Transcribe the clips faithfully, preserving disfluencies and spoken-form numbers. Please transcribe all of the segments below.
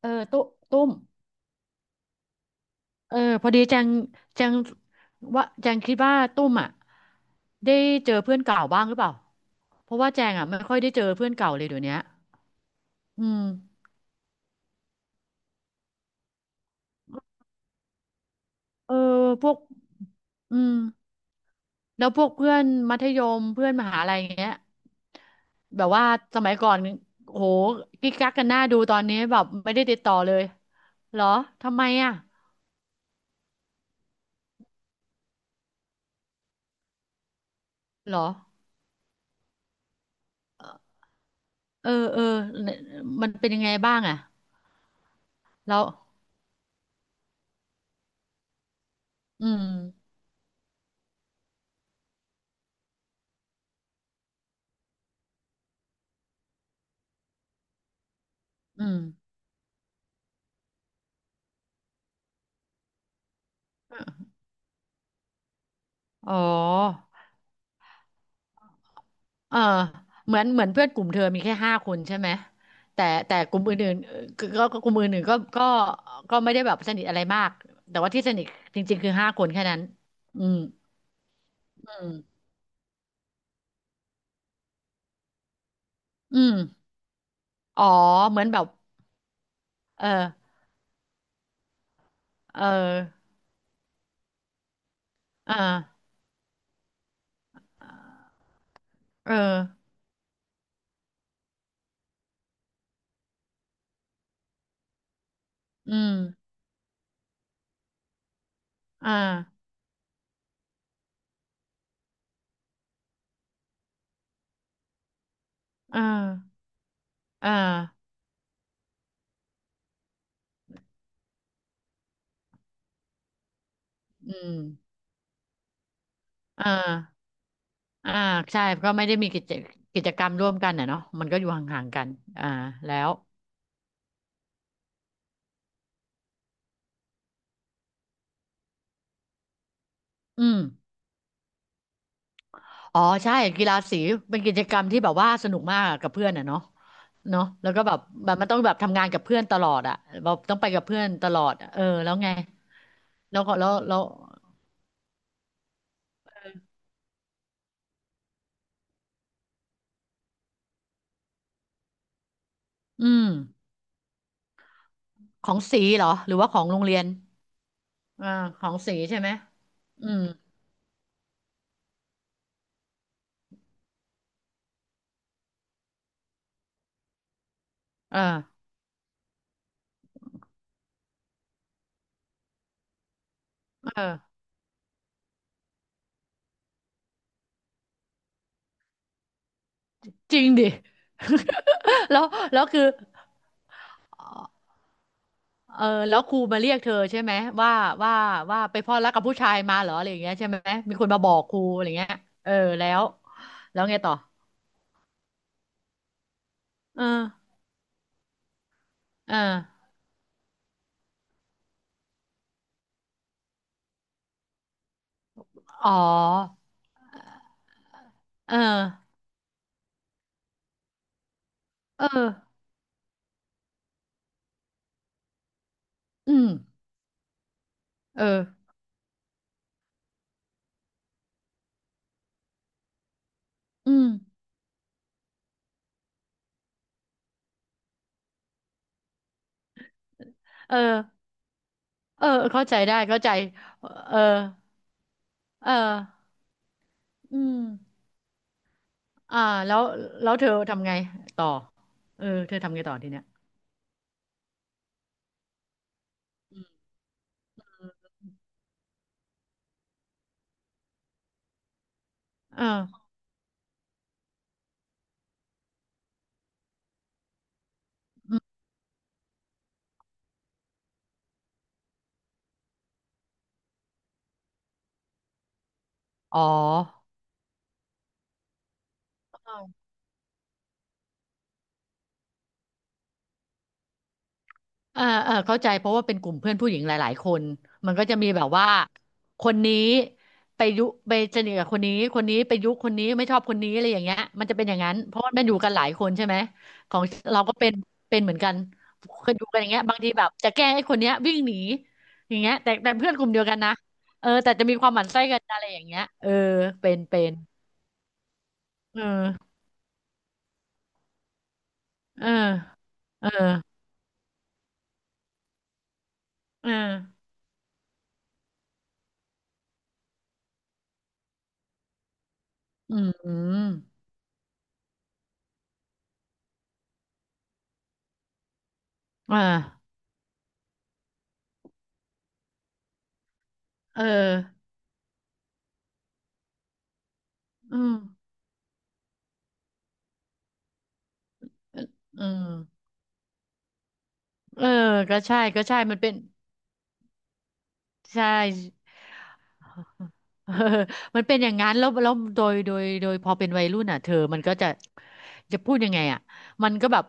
เออตุ้ตุ้มเออพอดีแจงแจงว่าแจงคิดว่าตุ้มอ่ะได้เจอเพื่อนเก่าบ้างหรือเปล่าเพราะว่าแจงอ่ะไม่ค่อยได้เจอเพื่อนเก่าเลยเดี๋ยวเนี้ยอืมเออพวกอืมแล้วพวกเพื่อนมัธยมเพื่อนมหาลัยอย่างเงี้ยแบบว่าสมัยก่อนโหกิ๊กกักกันหน้าดูตอนนี้แบบไม่ได้ติดต่อเลยเหรอทำไมอ่ะเหรอเออเออมันเป็นยังไงบ้างอ่ะแล้วอืมอืมอ๋อ เออเหมือนเหมือนเพื่อนกลุ่มเธอมีแค่ห้าคนใช่ไหมแต่แต่กลุ่มอื่นๆเอ่อก็ก็ก็กลุ่มอื่นๆก็ก็ก็ไม่ได้แบบสนิทอะไรมากแต่ว่าที่สนิทจริงๆคือห้าคนแค่นั้นอืมอืมอืมอ๋อเหมือนแบบเออเออเออเอออืมอ่าอ่าอ่าอืมอ่าอ่าใช่ก็ไม่ได้มีกิจกิจกรรมร่วมกันอ่ะเนาะมันก็อยู่ห่างๆกันอ่าแล้วอืม อ๋อใช่กีฬาสีเป็นกิจกรรมที่แบบว่าสนุกมากอะกับเพื่อนอ่ะเนาะเนาะแล้วก็แบบแบบมันต้องแบบทำงานกับเพื่อนตลอดอ่ะแบบต้องไปกับเพื่อนตลอดอะเออแล้วไงแล้วก็แล้วแล้วอืมของสีเหรอหรือว่าของโรงเรียนอ่าของสีใช่ไหมอืมเออเออจริงดิ แล้วแล้วคือเออแล้วครูมาเรียกเธอใช่ไหมว่าว่าว่าไปพลอดรักกับผู้ชายมาเหรออะไรอย่างเงี้ยใช่ไหมมีคนมาบอกครูอะไรอย่างเงี้ยเออแล้วแล้วไงต่อ เออเอออ๋อเออเอออืม เออ อืมเออเออเข้าใจได้เข้าใจเออเออ อืม อ่าแล้ว แล้วเธอทำไงต่อ เออเธอทำไงต่อทีเนี้ยเอออืมอ๋อ เออเออเข้าใจเพราะว่าเป็นกลุ่มเพื่อนผู้หญิงหลายๆคนมันก็จะมีแบบว่า คนนี้ไปยุไปสนิทกับคนนี้คนนี้ไปยุคนนี้ไม่ชอบคนนี้อะไรอย่างเงี้ยมันจะเป็นอย่างนั้นเพราะว่ามันอยู่กันหลายคนใช่ไหมของเราก็เป็นเป็นเหมือนกันเคยดูกันอย่างเงี้ยบางทีแบบจะแกล้งไอ้คนเนี้ยวิ่งหนีอย่างเงี้ยแต่แต่เพื่อนกลุ่มเดียวกันนะเออแต่จะมีความหมั่นไส้กันอะไรอย่างเงี้ยเออเป็นเป็นเออเออเออเอออืมอ่าเอออืม เออเออก็ใช่ก็ใช่มันเป็นใช่ เออมันเป็นอย่างนั้นแล้วแล้วโดยโดยโดยพอเป็นวัยรุ่นอ่ะเธอมันก็จะจะพูดยังไงอ่ะมันก็แบบ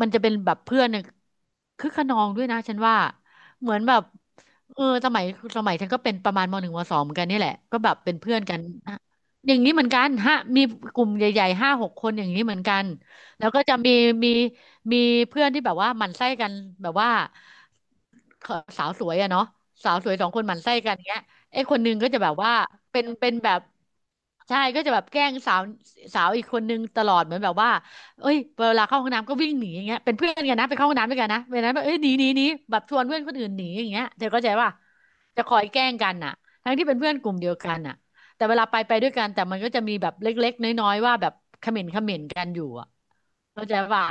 มันจะเป็นแบบเพื่อนเนี่ยคึกขนองด้วยนะฉันว่าเหมือนแบบเออสมัยสมัยฉันก็เป็นประมาณมหนึ่งมสองเหมือนกันนี่แหละก็แบบเป็นเพื่อนกันอ่ะอย่างนี้เหมือนกันฮะมีกลุ่มใหญ่ๆห้าหกคนอย่างนี้เหมือนกันแล้วก็จะมีมีมีเพื่อนที่แบบว่าหมั่นไส้กันแบบว่าสาวสวยอะเนาะสาวสวยสองคนหมั่นไส้กันเงี้ย ไอ้คนหนึงก็จะแบบว่าเป็นเป็นแบบใช่ก็จะแบบแกล้งสาวสาวอีกคนนึงตลอดเหมือนแบบว่าเอ้ยเวลาเข้าห้องน้ำก็วิ่งหนีอย่างเงี้ยเป็นเพื่อนกันนะไปเข้าห้องน้ำด้วยกันนะเวลานั้นแบบเอ้ยหนีหนีหนีแบบชวนเพื่อนคนอื่นหนีอย่างเงี้ยเธอเข้าใจป่ะจะคอยแกล้งกันน่ะทั้งที่เป็นเพื่อนกลุ่มเดียวกันน่ะแต่เวลาไปไปด้วยกันแต่มันก็จะมีแบบเล็กๆน้อยๆว่าแบบเขม่นเขม่นกันอยู่อ่ะเข้าใจป่ะ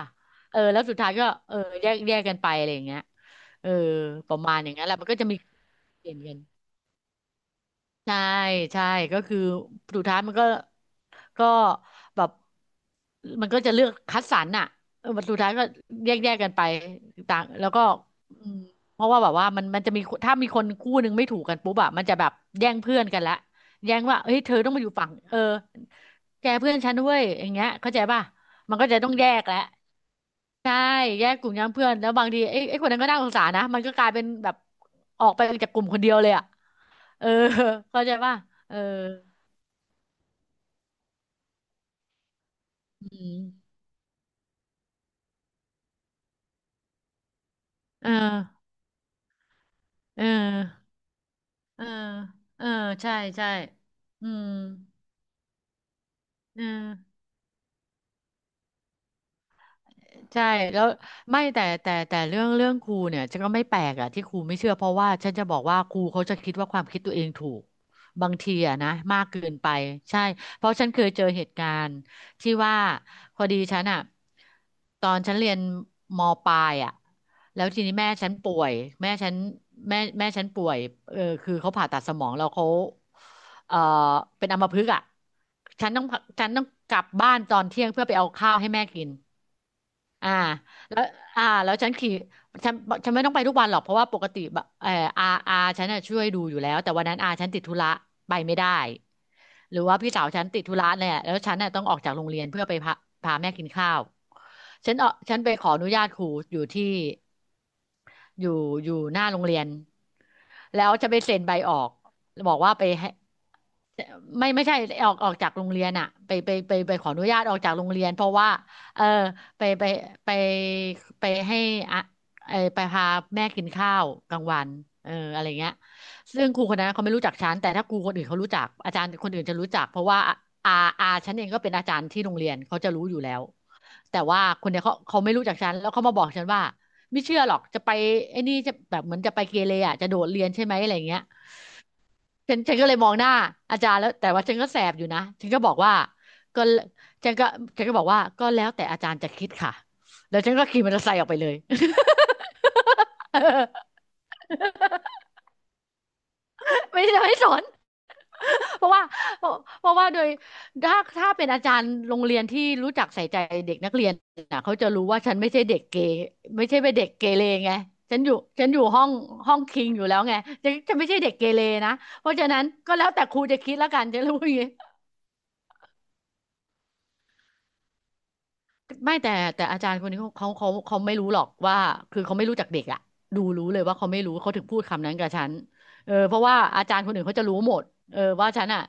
เออแล้วสุดท้ายก็เออแยกแยกกันไปอะไรอย่างเงี้ยเออประมาณอย่างนั้นแหละมันก็จะมีเปลี่ยนกัน ใช่ใช่ก็คือสุดท้ายมันก็ก็แบบมันก็จะเลือกคัดสรรน่ะเออสุดท้ายก็แยกแยกกันไปต่างแล้วก็อืมเพราะว่าแบบว่ามันมันจะมีถ้ามีคนคู่หนึ่งไม่ถูกกันปุ๊บอะมันจะแบบแย่งเพื่อนกันละแย่งว่าเฮ้ยเธอต้องมาอยู่ฝั่งเออแกเพื่อนฉันด้วยอย่างเงี้ยเข้าใจป่ะ มันก็จะต้องแยกแหละใช่แยกกลุ่มย้ำเพื่อนแล้วบางทีไอ้ไอ้คนนั้นก็น่าสงสารนะมันก็กลายเป็นแบบออกไปจากกลุ่มคนเดียวเลยอ่ะเออเข้าใจป่ะเอออืมเออเออเออเออใช่ใช่อืมเออ ใช่แล้วไม่แต่แต่แต่เรื่องเรื่องครูเนี่ยฉันก็ไม่แปลกอะที่ครูไม่เชื่อเพราะว่าฉันจะบอกว่าครูเขาจะคิดว่าความคิดตัวเองถูกบางทีอะนะมากเกินไปใช่เพราะฉันเคยเจอเหตุการณ์ที่ว่าพอดีฉันอะตอนฉันเรียนมปลายอะแล้วทีนี้แม่ฉันป่วยแม่ฉันแม่แม่ฉันป่วยเออคือเขาผ่าตัดสมองแล้วเขาเออเป็นอัมพฤกษ์อะฉันต้องฉันต้องกลับบ้านตอนเที่ยงเพื่อไปเอาข้าวให้แม่กิน อ่าแล้วอ่าแล้วฉันขี่ฉันฉันไม่ต้องไปทุกวันหรอกเพราะว่าปกติแบบเอออาอาฉันน่ะช่วยดูอยู่แล้วแต่วันนั้นอาฉันติดธุระไปไม่ได้หรือว่าพี่สาวฉันติดธุระเนี่ยแล้วฉันน่ะต้องออกจากโรงเรียนเพื่อไปพาพาแม่กินข้าวฉันเออฉันไปขออนุญาตครูอยู่ที่อยู่อยู่หน้าโรงเรียนแล้วจะไปเซ็นใบออกบอกว่าไปให้ ไม่ไม่ใช่ออกออกจากโรงเรียนอะไปไปไปไปขออนุญาตออกจากโรงเรียนเพราะว่าเออไปไปไปไปให้อะเออไปพาแม่กินข้าวกลางวันเอออะไรเงี้ยซึ่งครูคนนั้นเขาไม่รู้จักฉันแต่ถ้าครูคนอื่นเขารู้จักอาจารย์คนอื่นจะรู้จักเพราะว่าอาอาฉันเองก็เป็นอาจารย์ที่โรงเรียนเขาจะรู้อยู่แล้วแต่ว่าคนเนี้ยเขาเขาไม่รู้จักฉันแล้วเขามาบอกฉันว่าไม่เชื่อหรอกจะไปไอ้นี่จะแบบเหมือนจะไปเกเรอ่ะจะโดดเรียนใช่ไหมอะไรเงี้ย ฉันฉันก็เลยมองหน้าอาจารย์แล้วแต่ว่าฉันก็แสบอยู่นะฉันก็บอกว่าก็ฉันก็ฉันก็บอกว่าก็แล้วแต่อาจารย์จะคิดค่ะแล้วฉันก็ขี่มอเตอร์ไซค์ออกไปเลย เออไม่ได้ไม่สน เพราะว่าเพราะเพราะว่าโดยถ้าถ้าเป็นอาจารย์โรงเรียนที่รู้จักใส่ใจเด็กนักเรียนนะเขาจะรู้ว่าฉันไม่ใช่เด็กเกเรไม่ใช่เป็นเด็กเกเรไงฉันอยู่ฉันอยู่ห้องห้องคิงอยู่แล้วไงฉันฉันไม่ใช่เด็กเกเรนะเพราะฉะนั้นก็แล้วแต่ครูจะคิดแล้วกันฉันรู้อย่างงี้ ไม่แต่แต่อาจารย์คนนี้เขาเขาเขาเขาไม่รู้หรอกว่าคือเขาไม่รู้จากเด็กอะดูรู้เลยว่าเขาไม่รู้เขาถึงพูดคำนั้นกับฉันเออเพราะว่าอาจารย์คนอื่นเขาจะรู้หมดเออว่าฉันอะ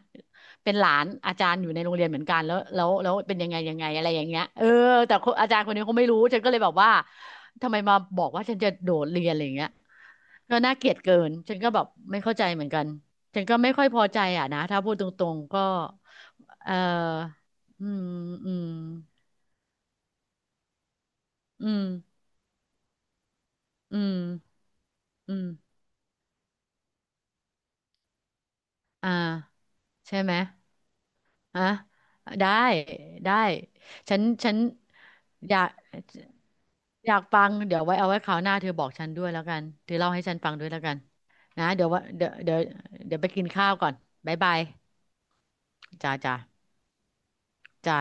เป็นหลานอาจารย์อยู่ในโรงเรียนเหมือนกันแล้วแล้วแล้วเป็นยังไงยังไงอะไรอย่างเงี้ยเออแต่คนอาจารย์คนนี้เขาไม่รู้ฉันก็เลยแบบว่าทำไมมาบอกว่าฉันจะโดดเรียนอะไรอย่างเงี้ยก็น่าเกลียดเกินฉันก็แบบไม่เข้าใจเหมือนกันฉันก็ไม่ค่อยพอใจอะนะถ้าพูดตรงๆก็เอออืมอืมอืม อืมอืมอ่าใช่ไหมฮะได้ได้ฉันฉันอยากอยากฟังเดี๋ยวไว้เอาไว้คราวหน้าเธอบอกฉันด้วยแล้วกันเธอเล่าให้ฉันฟังด้วยแล้วกันนะเดี๋ยวว่าเดี๋ยวเดี๋ยวเดี๋ยวไปกินข้าวก่อนบ๊ายบายจ้าจ้าจ้า